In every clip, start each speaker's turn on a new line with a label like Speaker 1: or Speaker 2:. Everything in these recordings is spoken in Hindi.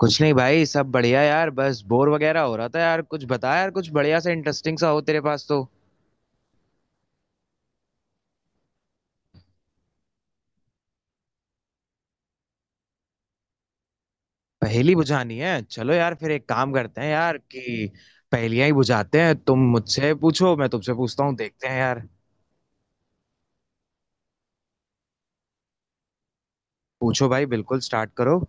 Speaker 1: कुछ नहीं भाई, सब बढ़िया यार। बस बोर वगैरह हो रहा था यार। कुछ बता यार, कुछ बढ़िया सा इंटरेस्टिंग सा हो तेरे पास तो। पहेली बुझानी है? चलो यार, फिर एक काम करते हैं यार कि पहेलियां ही बुझाते हैं। तुम मुझसे पूछो, मैं तुमसे पूछता हूँ, देखते हैं यार। पूछो भाई, बिल्कुल स्टार्ट करो।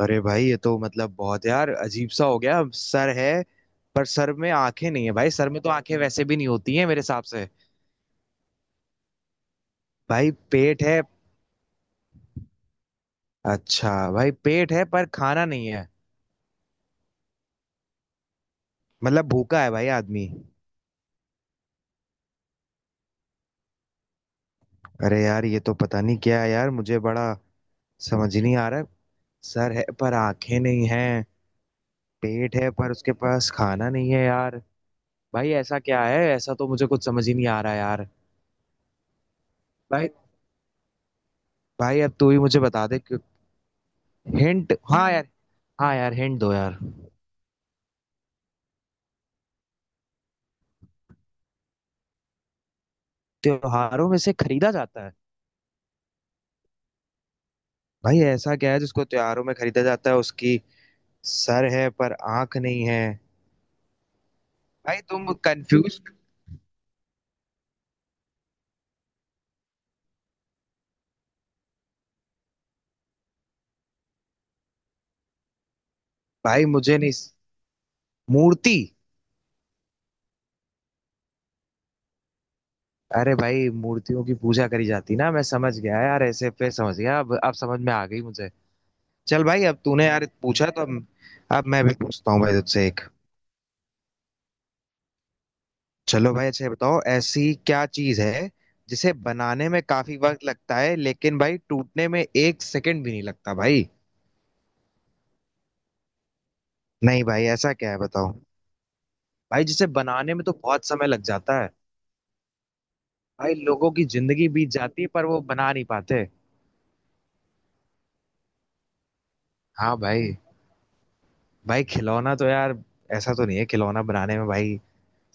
Speaker 1: अरे भाई, ये तो मतलब बहुत यार अजीब सा हो गया। सर है पर सर में आंखें नहीं है भाई, सर में तो आंखें वैसे भी नहीं होती हैं मेरे हिसाब से। भाई पेट है? अच्छा भाई, पेट है पर खाना नहीं है मतलब भूखा है भाई आदमी। अरे यार, ये तो पता नहीं क्या है यार, मुझे बड़ा समझ नहीं आ रहा है। सर है पर आंखें नहीं हैं, पेट है पर उसके पास खाना नहीं है यार। भाई ऐसा क्या है? ऐसा तो मुझे कुछ समझ ही नहीं आ रहा यार। भाई भाई अब तू ही मुझे बता दे क्यों। हिंट, हाँ यार। हाँ यार, हिंट दो यार। त्योहारों में से खरीदा जाता है? भाई ऐसा क्या है जिसको त्योहारों में खरीदा जाता है, उसकी सर है पर आंख नहीं है। भाई तुम कंफ्यूज। भाई मुझे नहीं। मूर्ति। अरे भाई, मूर्तियों की पूजा करी जाती ना, मैं समझ गया यार, ऐसे पे समझ गया। अब समझ में आ गई मुझे। चल भाई, अब तूने यार पूछा तो अब मैं भी पूछता हूँ भाई तुझसे एक। चलो भाई, अच्छा ये बताओ ऐसी क्या चीज है जिसे बनाने में काफी वक्त लगता है लेकिन भाई टूटने में एक सेकंड भी नहीं लगता भाई। नहीं भाई, ऐसा क्या है बताओ। भाई जिसे बनाने में तो बहुत समय लग जाता है, भाई लोगों की जिंदगी बीत जाती है पर वो बना नहीं पाते। हाँ भाई। भाई खिलौना तो यार ऐसा तो नहीं है, खिलौना बनाने में भाई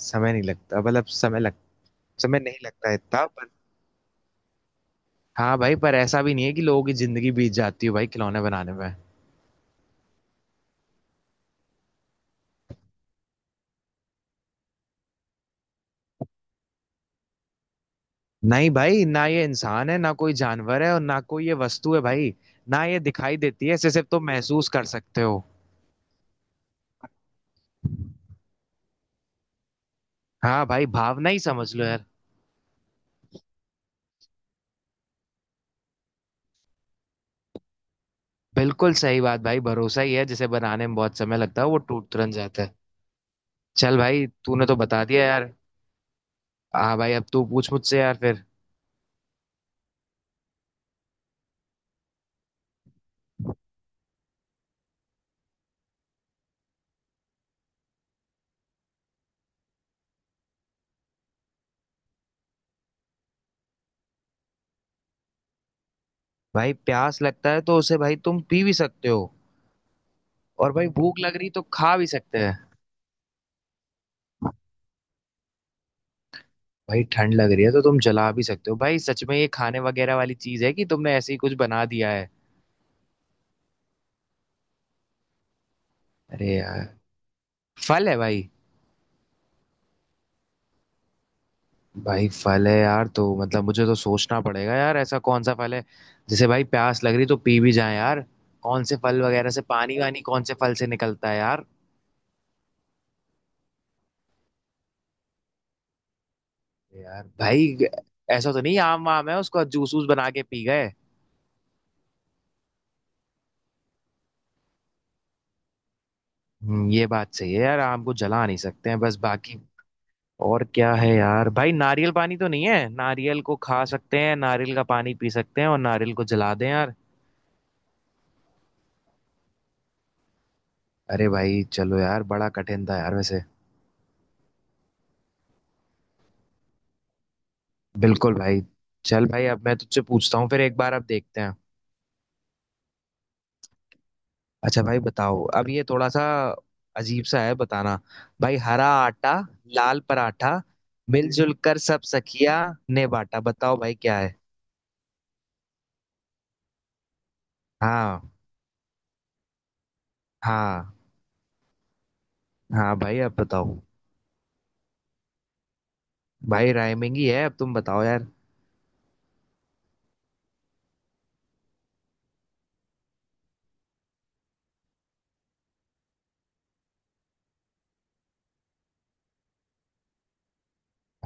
Speaker 1: समय नहीं लगता मतलब समय लग, समय नहीं लगता इतना पर। हाँ भाई, पर ऐसा भी नहीं है कि लोगों की जिंदगी बीत जाती है भाई खिलौने बनाने में। नहीं भाई, ना ये इंसान है, ना कोई जानवर है, और ना कोई ये वस्तु है भाई। ना ये दिखाई देती है, इसे सिर्फ तुम महसूस कर सकते हो। हाँ भाई, भावना ही समझ लो यार। बिल्कुल सही बात भाई, भरोसा ही है जिसे बनाने में बहुत समय लगता है, वो टूट तुरंत जाता है। चल भाई, तूने तो बता दिया यार। हाँ भाई, अब तू पूछ मुझसे यार फिर। भाई प्यास लगता है तो उसे भाई तुम पी भी सकते हो, और भाई भूख लग रही तो खा भी सकते हैं, भाई ठंड लग रही है तो तुम जला भी सकते हो भाई। सच में ये खाने वगैरह वाली चीज है कि तुमने ऐसे ही कुछ बना दिया है? अरे यार, फल है भाई? भाई फल है यार तो मतलब मुझे तो सोचना पड़ेगा यार, ऐसा कौन सा फल है? जैसे भाई प्यास लग रही तो पी भी जाए यार, कौन से फल वगैरह से पानी वानी, कौन से फल से निकलता है यार? यार भाई, ऐसा तो नहीं आम वाम है, उसको जूस वूस बना के पी गए? ये बात सही है यार, आम को जला नहीं सकते हैं बस बाकी। और क्या है यार? भाई नारियल पानी तो नहीं है? नारियल को खा सकते हैं, नारियल का पानी पी सकते हैं, और नारियल को जला दें यार। अरे भाई, चलो यार, बड़ा कठिन था यार वैसे। बिल्कुल भाई। चल भाई, अब मैं तुझसे पूछता हूँ फिर एक बार, अब देखते हैं। अच्छा भाई बताओ, अब ये थोड़ा सा अजीब सा है बताना। भाई, हरा आटा लाल पराठा मिलजुल कर सब सखिया ने बाटा, बताओ भाई क्या है? हाँ। हाँ। हाँ भाई अब बताओ। भाई राइमिंग ही है, अब तुम बताओ यार।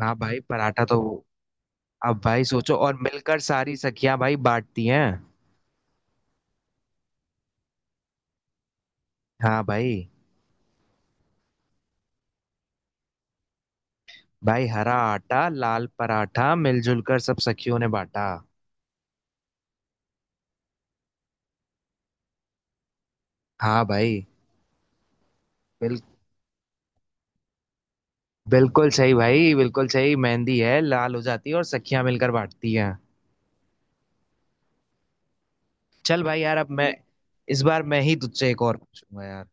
Speaker 1: हाँ भाई, पराठा तो। अब भाई सोचो, और मिलकर सारी सखियां भाई बांटती हैं। हाँ भाई। भाई, हरा आटा लाल पराठा मिलजुल कर सब सखियों ने बांटा। हाँ भाई। बिल, बिल्कुल सही भाई, बिल्कुल सही, मेहंदी है, लाल हो जाती है और सखियां मिलकर बांटती हैं। चल भाई यार, अब मैं इस बार मैं ही तुझसे एक और पूछूंगा यार।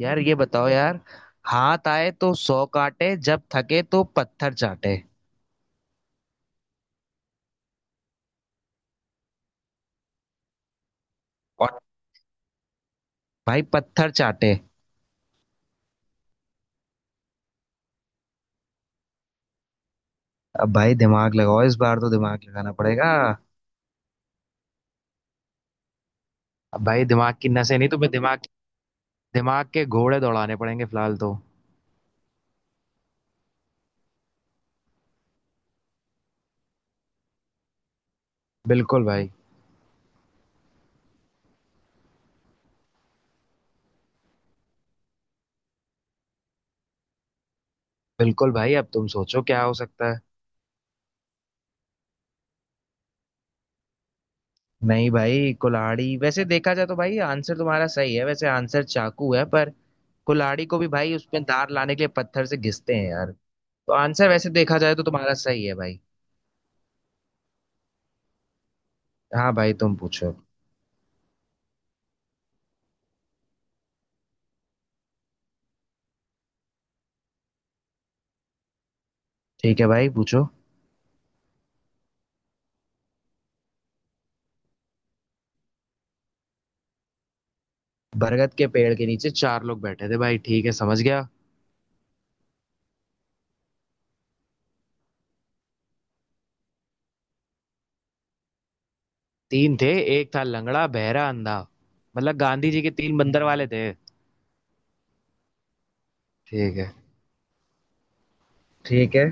Speaker 1: यार ये बताओ यार, हाथ आए तो सौ काटे, जब थके तो पत्थर चाटे। और भाई पत्थर चाटे। अब भाई दिमाग लगाओ, इस बार तो दिमाग लगाना पड़ेगा। अब भाई दिमाग की नसें नहीं, तो मैं दिमाग दिमाग के घोड़े दौड़ाने पड़ेंगे फिलहाल तो। बिल्कुल भाई, बिल्कुल भाई, अब तुम सोचो क्या हो सकता है। नहीं भाई, कुल्हाड़ी वैसे देखा जाए तो भाई आंसर तुम्हारा सही है, वैसे आंसर चाकू है पर कुल्हाड़ी को भी भाई उसमें धार लाने के लिए पत्थर से घिसते हैं यार, तो आंसर वैसे देखा जाए तो तुम्हारा सही है भाई। हाँ भाई तुम पूछो। ठीक है भाई पूछो। बरगद के पेड़ के नीचे चार लोग बैठे थे भाई, ठीक है समझ गया। तीन थे, एक था लंगड़ा बहरा अंधा, मतलब गांधी जी के तीन बंदर वाले थे। ठीक है। ठीक है।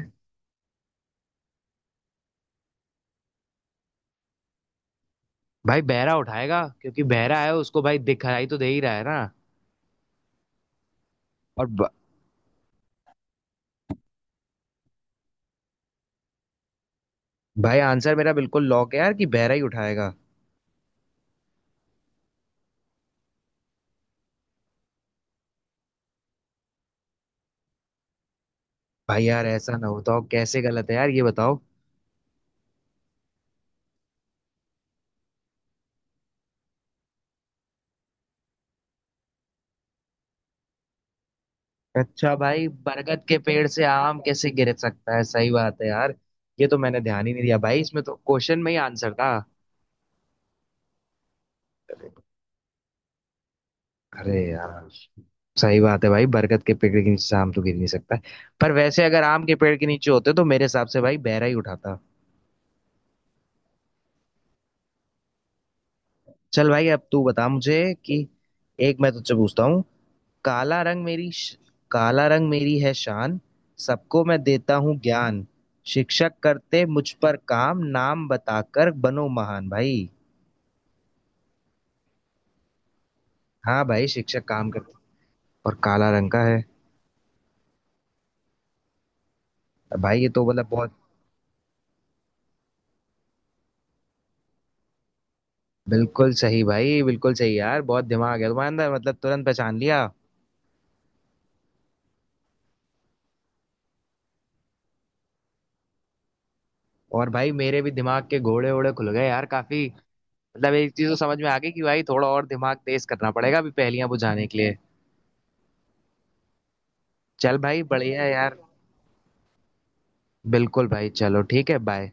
Speaker 1: भाई बहरा उठाएगा, क्योंकि बहरा है, उसको भाई दिखाई तो दे ही रहा है ना। और ब... भाई आंसर मेरा बिल्कुल लॉक है यार कि बहरा ही उठाएगा। भाई यार, ऐसा ना होता हो, कैसे गलत है यार ये बताओ। अच्छा भाई, बरगद के पेड़ से आम कैसे गिर सकता है, सही बात है यार। ये तो मैंने ध्यान ही नहीं दिया भाई, इसमें तो क्वेश्चन में ही आंसर था। अरे यार, सही बात है भाई, बरगद के पेड़ के नीचे से आम तो गिर नहीं सकता है। पर वैसे अगर आम के पेड़ के नीचे होते तो मेरे हिसाब से भाई बहरा ही उठाता। चल भाई, अब तू बता मुझे कि, एक मैं तुझसे पूछता हूँ। काला रंग मेरी श- काला रंग मेरी है शान, सबको मैं देता हूँ ज्ञान, शिक्षक करते मुझ पर काम, नाम बताकर बनो महान भाई। हाँ भाई, शिक्षक काम करते और काला रंग का है। भाई ये तो मतलब बहुत। बिल्कुल सही भाई, बिल्कुल सही यार, बहुत दिमाग है तुम्हारे अंदर, मतलब तुरंत पहचान लिया। और भाई मेरे भी दिमाग के घोड़े वोड़े खुल गए यार काफी, मतलब एक चीज तो समझ में आ गई कि भाई थोड़ा और दिमाग तेज करना पड़ेगा अभी पहेलियां बुझाने के लिए। चल भाई, बढ़िया है यार। बिल्कुल भाई, चलो ठीक है, बाय।